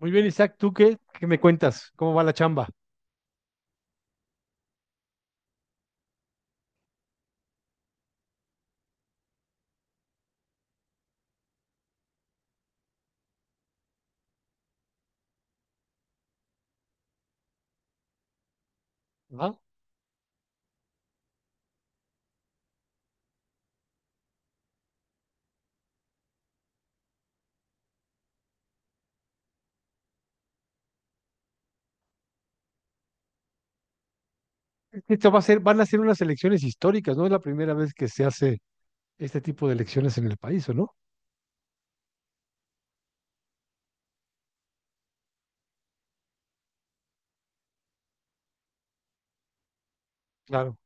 Muy bien, Isaac, ¿tú qué me cuentas? ¿Cómo va la chamba? ¿Ah? Esto va a ser, van a ser unas elecciones históricas, ¿no? Es la primera vez que se hace este tipo de elecciones en el país, ¿o no? Claro.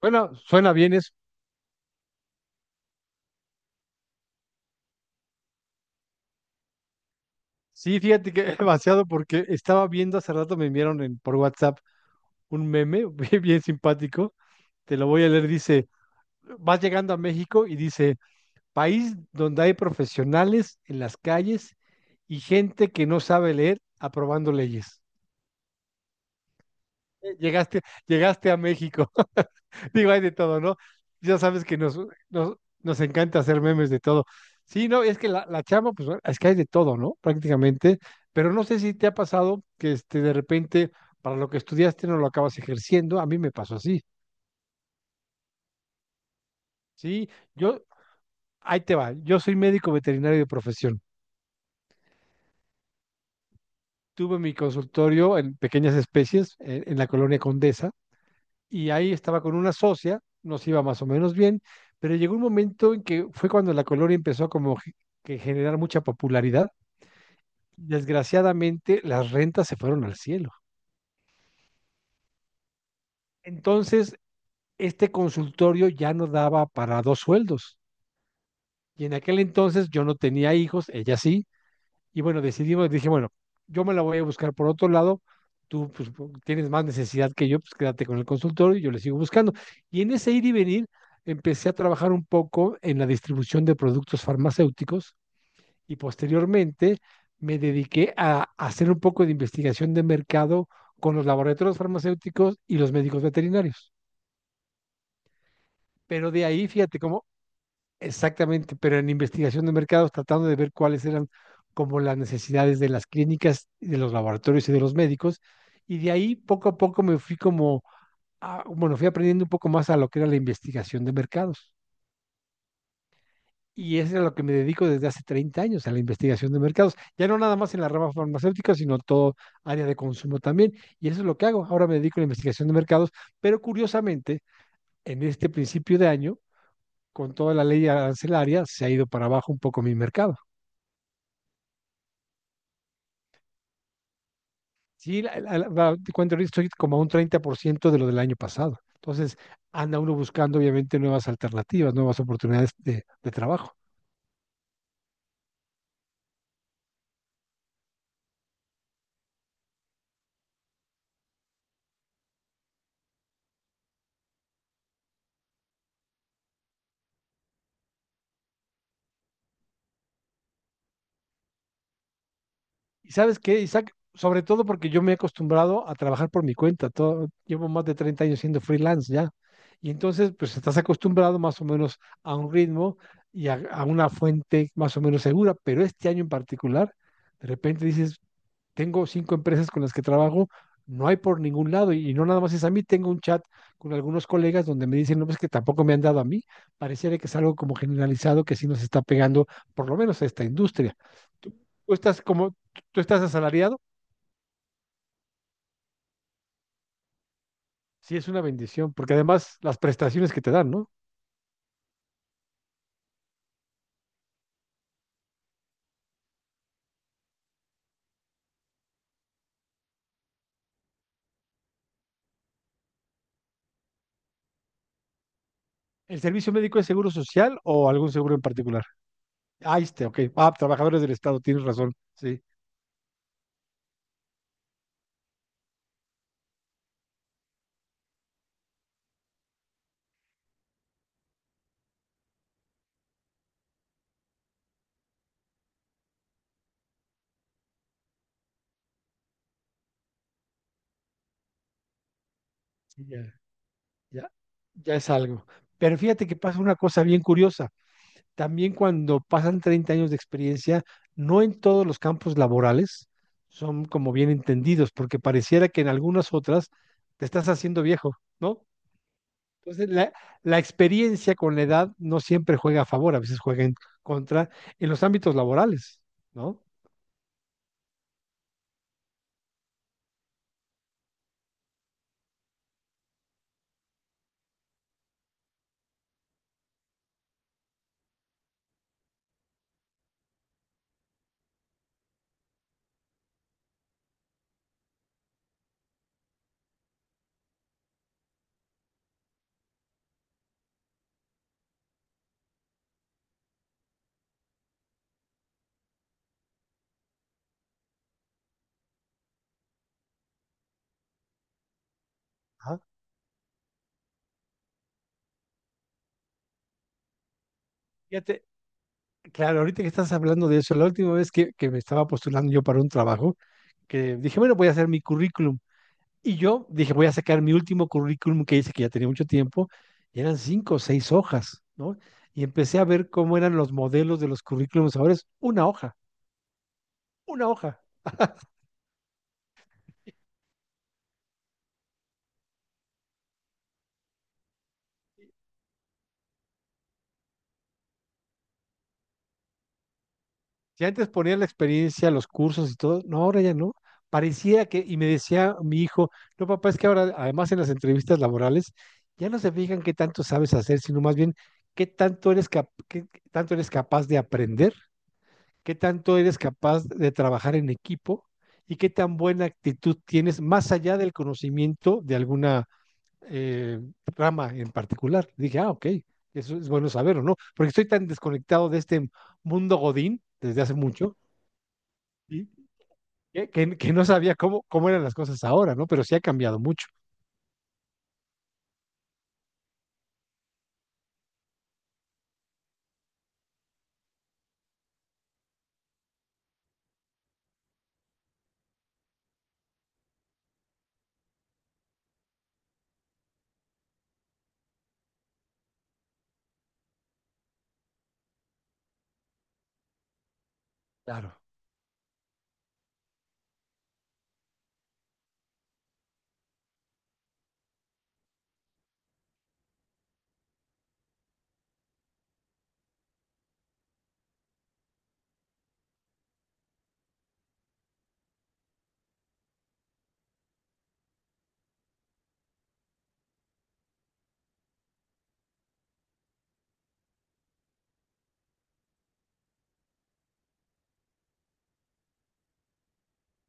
Bueno, suena bien eso. Sí, fíjate que demasiado porque estaba viendo hace rato, me enviaron por WhatsApp un meme bien bien simpático. Te lo voy a leer, dice, vas llegando a México y dice, país donde hay profesionales en las calles y gente que no sabe leer aprobando leyes. Llegaste, llegaste a México. Digo, hay de todo, ¿no? Ya sabes que nos, nos encanta hacer memes de todo. Sí, no, es que la chamba, pues bueno, es que hay de todo, ¿no? Prácticamente. Pero no sé si te ha pasado que de repente, para lo que estudiaste no lo acabas ejerciendo. A mí me pasó así. Sí, yo, ahí te va. Yo soy médico veterinario de profesión. Tuve mi consultorio en pequeñas especies en la colonia Condesa y ahí estaba con una socia, nos iba más o menos bien, pero llegó un momento en que fue cuando la colonia empezó como que generar mucha popularidad. Desgraciadamente, las rentas se fueron al cielo. Entonces, este consultorio ya no daba para dos sueldos. Y en aquel entonces yo no tenía hijos, ella sí. Y bueno, decidimos, dije, bueno, yo me la voy a buscar por otro lado, tú pues, tienes más necesidad que yo, pues quédate con el consultorio y yo le sigo buscando. Y en ese ir y venir empecé a trabajar un poco en la distribución de productos farmacéuticos y posteriormente me dediqué a hacer un poco de investigación de mercado con los laboratorios farmacéuticos y los médicos veterinarios. Pero de ahí, fíjate cómo. Exactamente, pero en investigación de mercados, tratando de ver cuáles eran como las necesidades de las clínicas, de los laboratorios y de los médicos. Y de ahí poco a poco me fui como, bueno, fui aprendiendo un poco más a lo que era la investigación de mercados. Y eso es a lo que me dedico desde hace 30 años, a la investigación de mercados. Ya no nada más en la rama farmacéutica, sino todo área de consumo también. Y eso es lo que hago. Ahora me dedico a la investigación de mercados, pero curiosamente, en este principio de año, con toda la ley arancelaria, se ha ido para abajo un poco mi mercado. Sí, cuando estoy como a un 30% de lo del año pasado. Entonces, anda uno buscando obviamente nuevas alternativas, nuevas oportunidades de trabajo. ¿Y sabes qué, Isaac? Sobre todo porque yo me he acostumbrado a trabajar por mi cuenta. Todo, llevo más de 30 años siendo freelance ya. Y entonces, pues estás acostumbrado más o menos a un ritmo y a una fuente más o menos segura. Pero este año en particular, de repente dices, tengo cinco empresas con las que trabajo, no hay por ningún lado y no nada más es a mí, tengo un chat con algunos colegas donde me dicen, no, pues que tampoco me han dado a mí, pareciera que es algo como generalizado que sí nos está pegando, por lo menos a esta industria. Tú, tú estás como, tú estás asalariado, sí es una bendición, porque además las prestaciones que te dan, ¿no? ¿El servicio médico es seguro social o algún seguro en particular? Ah, ok. Ah, trabajadores del Estado, tienes razón. Sí, sí, ya, ya, ya es algo. Pero fíjate que pasa una cosa bien curiosa. También cuando pasan 30 años de experiencia, no en todos los campos laborales son como bien entendidos, porque pareciera que en algunas otras te estás haciendo viejo, ¿no? Entonces, la experiencia con la edad no siempre juega a favor, a veces juega en contra en los ámbitos laborales, ¿no? Ajá. Fíjate, claro, ahorita que estás hablando de eso, la última vez que me estaba postulando yo para un trabajo, que dije, bueno, voy a hacer mi currículum. Y yo dije, voy a sacar mi último currículum que hice, que ya tenía mucho tiempo, y eran cinco o seis hojas, ¿no? Y empecé a ver cómo eran los modelos de los currículums. Ahora es una hoja, una hoja. Si antes ponía la experiencia, los cursos y todo, no, ahora ya no. Parecía que, y me decía mi hijo, no, papá, es que ahora, además en las entrevistas laborales, ya no se fijan qué tanto sabes hacer, sino más bien qué tanto eres, qué tanto eres capaz de aprender, qué tanto eres capaz de trabajar en equipo y qué tan buena actitud tienes más allá del conocimiento de alguna eh, rama en particular. Dije, ah, ok, eso es bueno saber o no, porque estoy tan desconectado de este mundo Godín desde hace mucho, ¿sí? que no sabía cómo eran las cosas ahora, ¿no? Pero sí ha cambiado mucho. Claro.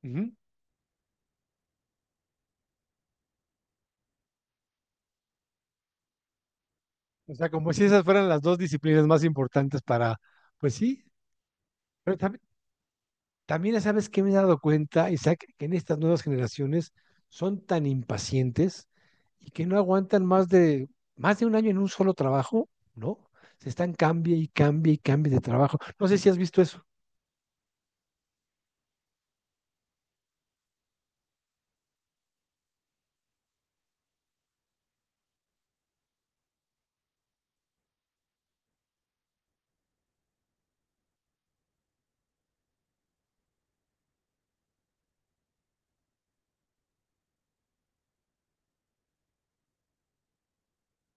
Ujú. O sea, como si esas fueran las dos disciplinas más importantes para, pues sí, pero también. También sabes que me he dado cuenta, Isaac, que en estas nuevas generaciones son tan impacientes y que no aguantan más de un año en un solo trabajo, ¿no? Se están cambie y cambie y cambie de trabajo. No sé si has visto eso.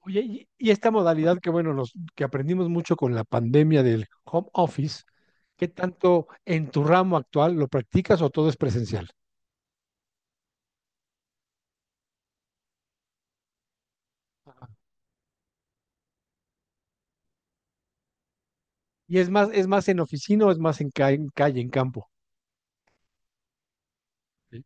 Oye, y esta modalidad que bueno, los que aprendimos mucho con la pandemia del home office, ¿qué tanto en tu ramo actual lo practicas o todo es presencial? Ajá. Y es más en oficina o es más en, en calle, en campo. Sí.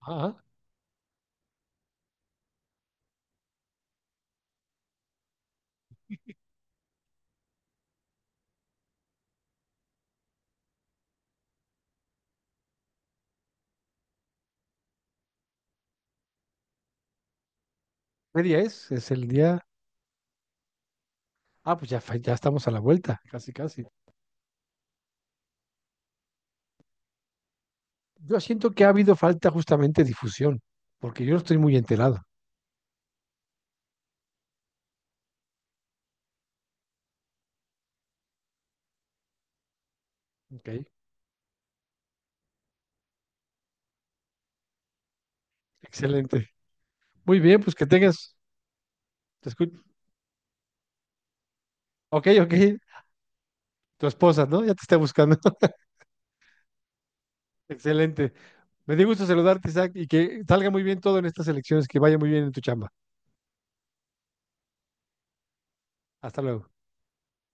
Ajá. ¿Qué día es? Es el día. Ah, pues ya, ya estamos a la vuelta, casi, casi. Yo siento que ha habido falta justamente de difusión, porque yo no estoy muy enterado. Ok, excelente. Muy bien, pues que tengas. Te escu- Ok, ok. Tu esposa, ¿no? Ya te está buscando. Excelente. Me dio gusto saludarte, Isaac, y que salga muy bien todo en estas elecciones, que vaya muy bien en tu chamba. Hasta luego.